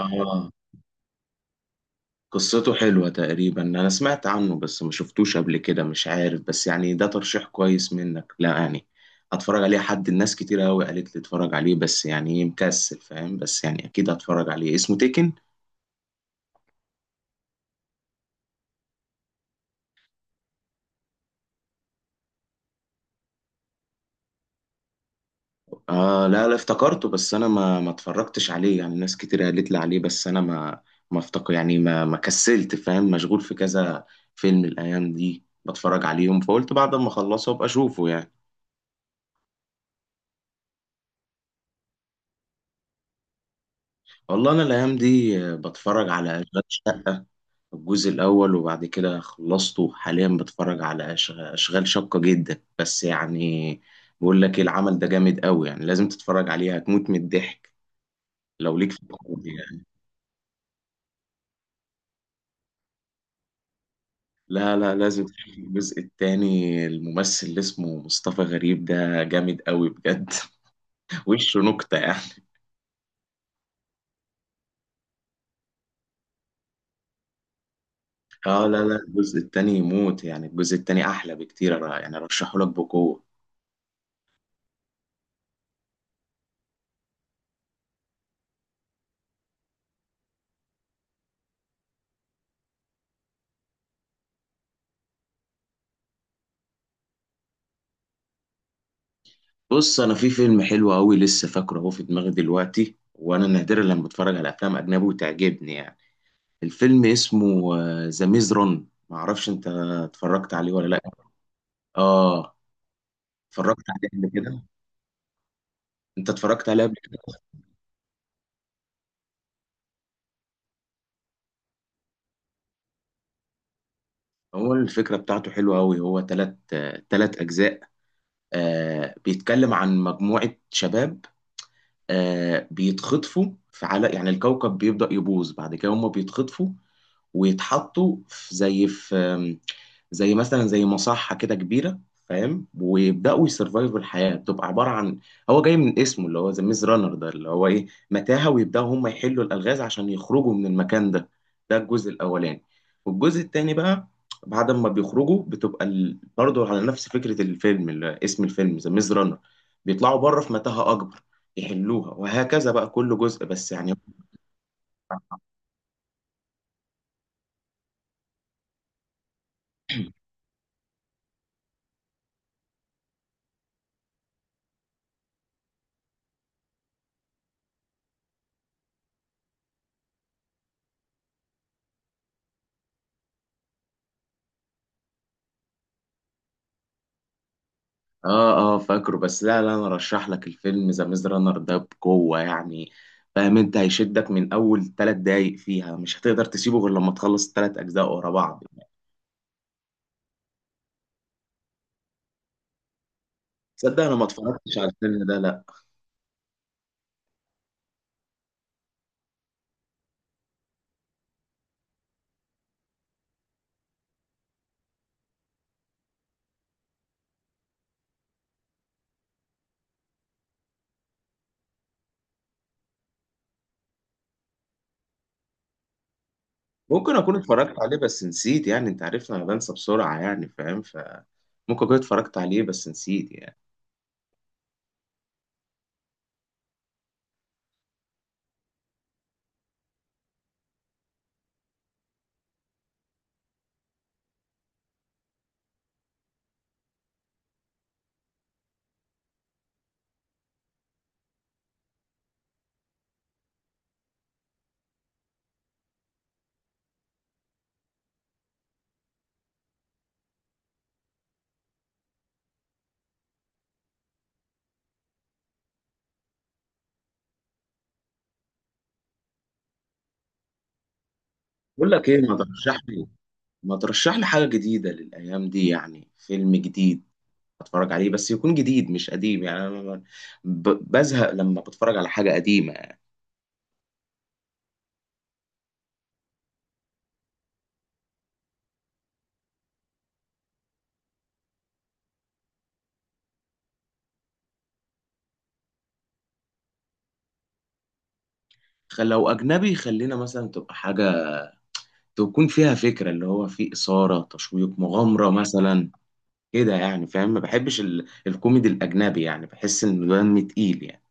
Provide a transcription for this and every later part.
اه، قصته حلوة. تقريبا انا سمعت عنه بس ما شفتوش قبل كده. مش عارف، بس يعني ده ترشيح كويس منك، لا يعني هتفرج عليه. حد الناس كتير قوي قالت لي اتفرج عليه، بس يعني إيه، مكسل فاهم. بس يعني اكيد هتفرج عليه، اسمه تيكن. لا لا، افتكرته، بس انا ما اتفرجتش عليه. يعني ناس كتير قالت لي عليه، بس انا ما افتكر يعني ما كسلت، فاهم، مشغول في كذا فيلم الايام دي بتفرج عليهم، فقلت بعد ما اخلصه ابقى اشوفه يعني. والله انا الايام دي بتفرج على أشغال الجزء الأول، وبعد كده خلصته. حاليا بتفرج على أشغال شاقة جدا، بس يعني بقول لك إيه، العمل ده جامد قوي يعني، لازم تتفرج عليه، هتموت من الضحك لو ليك في الكوميدي يعني. لا لا، لازم تشوف الجزء التاني. الممثل اللي اسمه مصطفى غريب ده جامد قوي بجد. وشه نكتة يعني. اه، لا لا، الجزء التاني يموت يعني، الجزء التاني أحلى بكتير. يعني أرشحه لك بقوة. بص، انا في فيلم حلو قوي لسه فاكره اهو في دماغي دلوقتي، وانا نادرا لما بتفرج على افلام اجنبي وتعجبني يعني. الفيلم اسمه ذا ميز رون، معرفش انت اتفرجت عليه ولا لا. اه، اتفرجت عليه قبل كده. انت اتفرجت عليه قبل كده؟ هو الفكره بتاعته حلوه قوي، هو تلات اجزاء. بيتكلم عن مجموعه شباب. بيتخطفوا في على يعني الكوكب، بيبدأ يبوظ، بعد كده هما بيتخطفوا ويتحطوا في زي في زي مثلا زي مصحة كده كبيرة، فاهم، ويبدأوا يسرفايفوا. الحياة بتبقى عبارة عن، هو جاي من اسمه اللي هو ذا ميز رانر ده، اللي هو ايه، متاهة، ويبدأوا هم يحلوا الألغاز عشان يخرجوا من المكان ده. ده الجزء الأولاني. والجزء التاني بقى، بعد ما بيخرجوا، بتبقى برضه على نفس فكرة الفيلم اللي اسم الفيلم ذا ميز رانر، بيطلعوا بره في متاهة أكبر يحلوها، وهكذا بقى كل جزء بس يعني. اه اه، فاكره، بس لا لا، انا رشح لك الفيلم ذا ميز رانر ده بقوة يعني، فاهم. انت هيشدك من اول ثلاث دقايق فيها، مش هتقدر تسيبه غير لما تخلص الثلاث اجزاء ورا بعض. تصدق انا ما اتفرجتش على الفيلم ده، لا. ممكن اكون اتفرجت عليه بس نسيت يعني، انت عارفني انا بنسى بسرعة يعني، فاهم، ف ممكن اكون اتفرجت عليه بس نسيت يعني. بقول لك ايه، ما ترشح لي حاجة جديدة للايام دي يعني، فيلم جديد اتفرج عليه، بس يكون جديد مش قديم يعني. انا بزهق لما بتفرج على حاجة قديمة. لو أجنبي خلينا مثلا تبقى حاجة تكون فيها فكرة، اللي هو فيه إثارة، تشويق، مغامرة مثلا كده يعني، فاهم. ما بحبش الكوميدي الأجنبي يعني، بحس إنه دم تقيل يعني.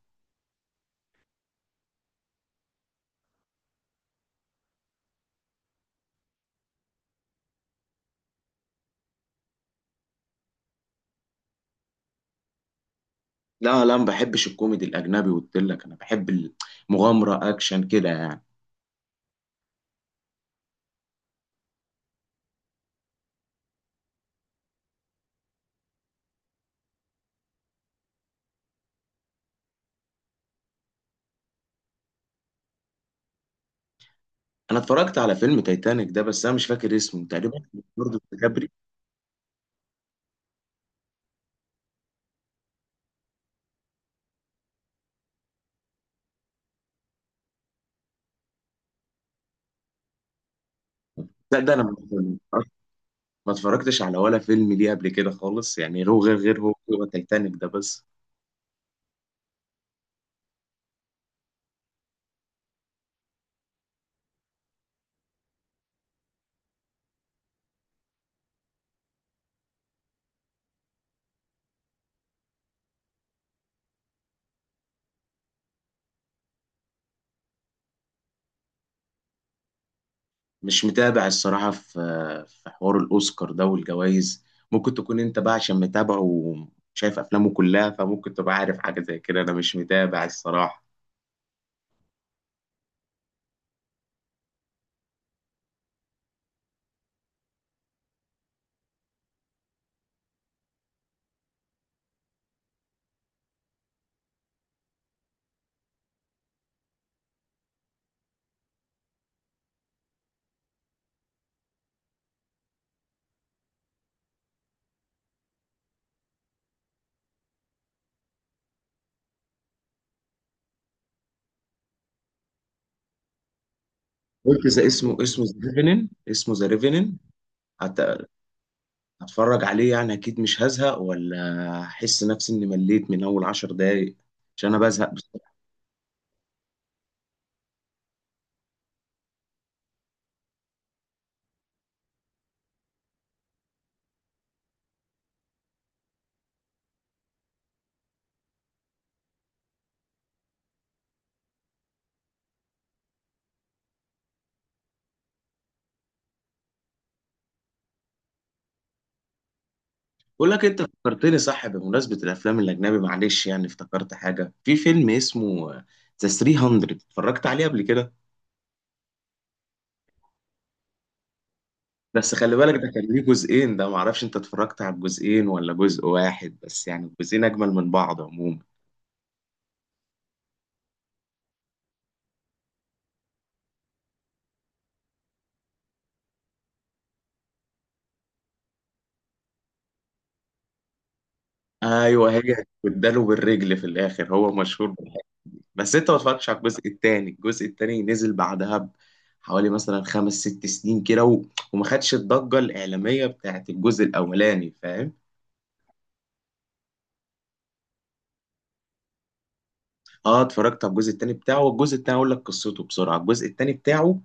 لا لا، ما بحبش الكوميدي الأجنبي، قلت لك أنا بحب المغامرة، أكشن كده يعني. أنا اتفرجت على فيلم تايتانيك ده، بس أنا مش فاكر اسمه تقريبا. برضه كابري. ده أنا ما اتفرجتش على ولا فيلم ليه قبل كده خالص يعني. هو غير هو، هو تايتانيك ده بس. مش متابع الصراحة، في حوار الأوسكار ده والجوائز. ممكن تكون أنت بقى، عشان متابعه وشايف أفلامه كلها، فممكن تبقى عارف حاجة زي كده. أنا مش متابع الصراحة. قلت زي اسمه ذا ريفنن، اسمه ذا ريفنن. هتفرج عليه يعني، أكيد مش هزهق ولا أحس نفسي إني مليت من أول عشر دقايق، عشان أنا بزهق بسرعة. بقول لك أنت فكرتني صح بمناسبة الأفلام الأجنبي، معلش يعني افتكرت حاجة، في فيلم اسمه ذا 300، اتفرجت عليه قبل كده. بس خلي بالك ده كان ليه جزئين، ده معرفش انت اتفرجت على الجزئين ولا جزء واحد بس يعني. الجزئين اجمل من بعض عموما. ايوه، هي اداله بالرجل في الاخر، هو مشهور بالحاجة. بس انت ما اتفرجتش على الجزء التاني. الجزء التاني نزل بعدها حوالي مثلا خمس ست سنين كده، وما خدش الضجه الاعلاميه بتاعت الجزء الاولاني، فاهم. اه، اتفرجت على الجزء التاني بتاعه، والجزء التاني اقول لك قصته بسرعه. الجزء التاني بتاعه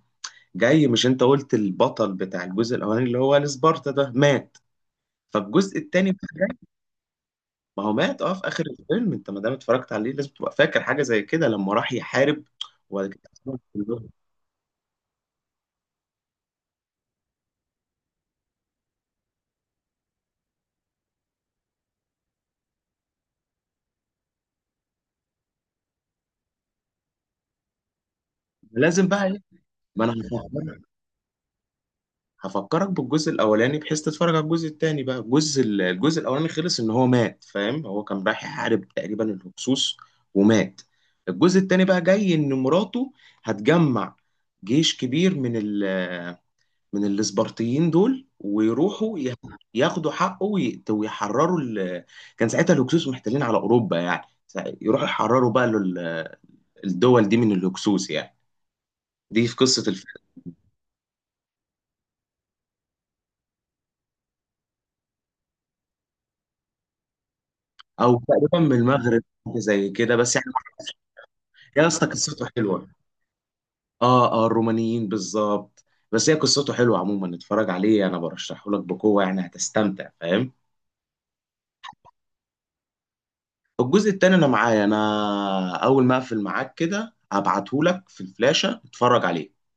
جاي، مش انت قلت البطل بتاع الجزء الاولاني اللي هو السبارتا ده مات، فالجزء التاني. ما هو مات اه، في اخر الفيلم، انت ما دام اتفرجت عليه لازم تبقى فاكر حاجه زي كده لما راح يحارب، وبعد كده أسرهم كلهم. لازم بقى ايه، ما انا هفكرك بالجزء الاولاني بحيث تتفرج على الجزء التاني بقى. الجزء الجزء الاولاني خلص ان هو مات، فاهم. هو كان رايح يحارب تقريبا الهكسوس، ومات. الجزء التاني بقى جاي، ان مراته هتجمع جيش كبير من من الاسبرطيين دول، ويروحوا ياخدوا حقه، ويحرروا كان ساعتها الهكسوس محتلين على اوروبا يعني، يروحوا يحرروا بقى الدول دي من الهكسوس يعني. دي في قصه الفيلم، او تقريبا من المغرب حاجة زي كده بس يعني. يا اسطى قصته حلوه. اه اه، الرومانيين بالظبط. بس هي قصته حلوه عموما، اتفرج عليه، انا برشحه لك بقوه يعني، هتستمتع فاهم. الجزء التاني انا معايا، انا اول ما اقفل معاك كده هبعته لك في الفلاشه، اتفرج عليه.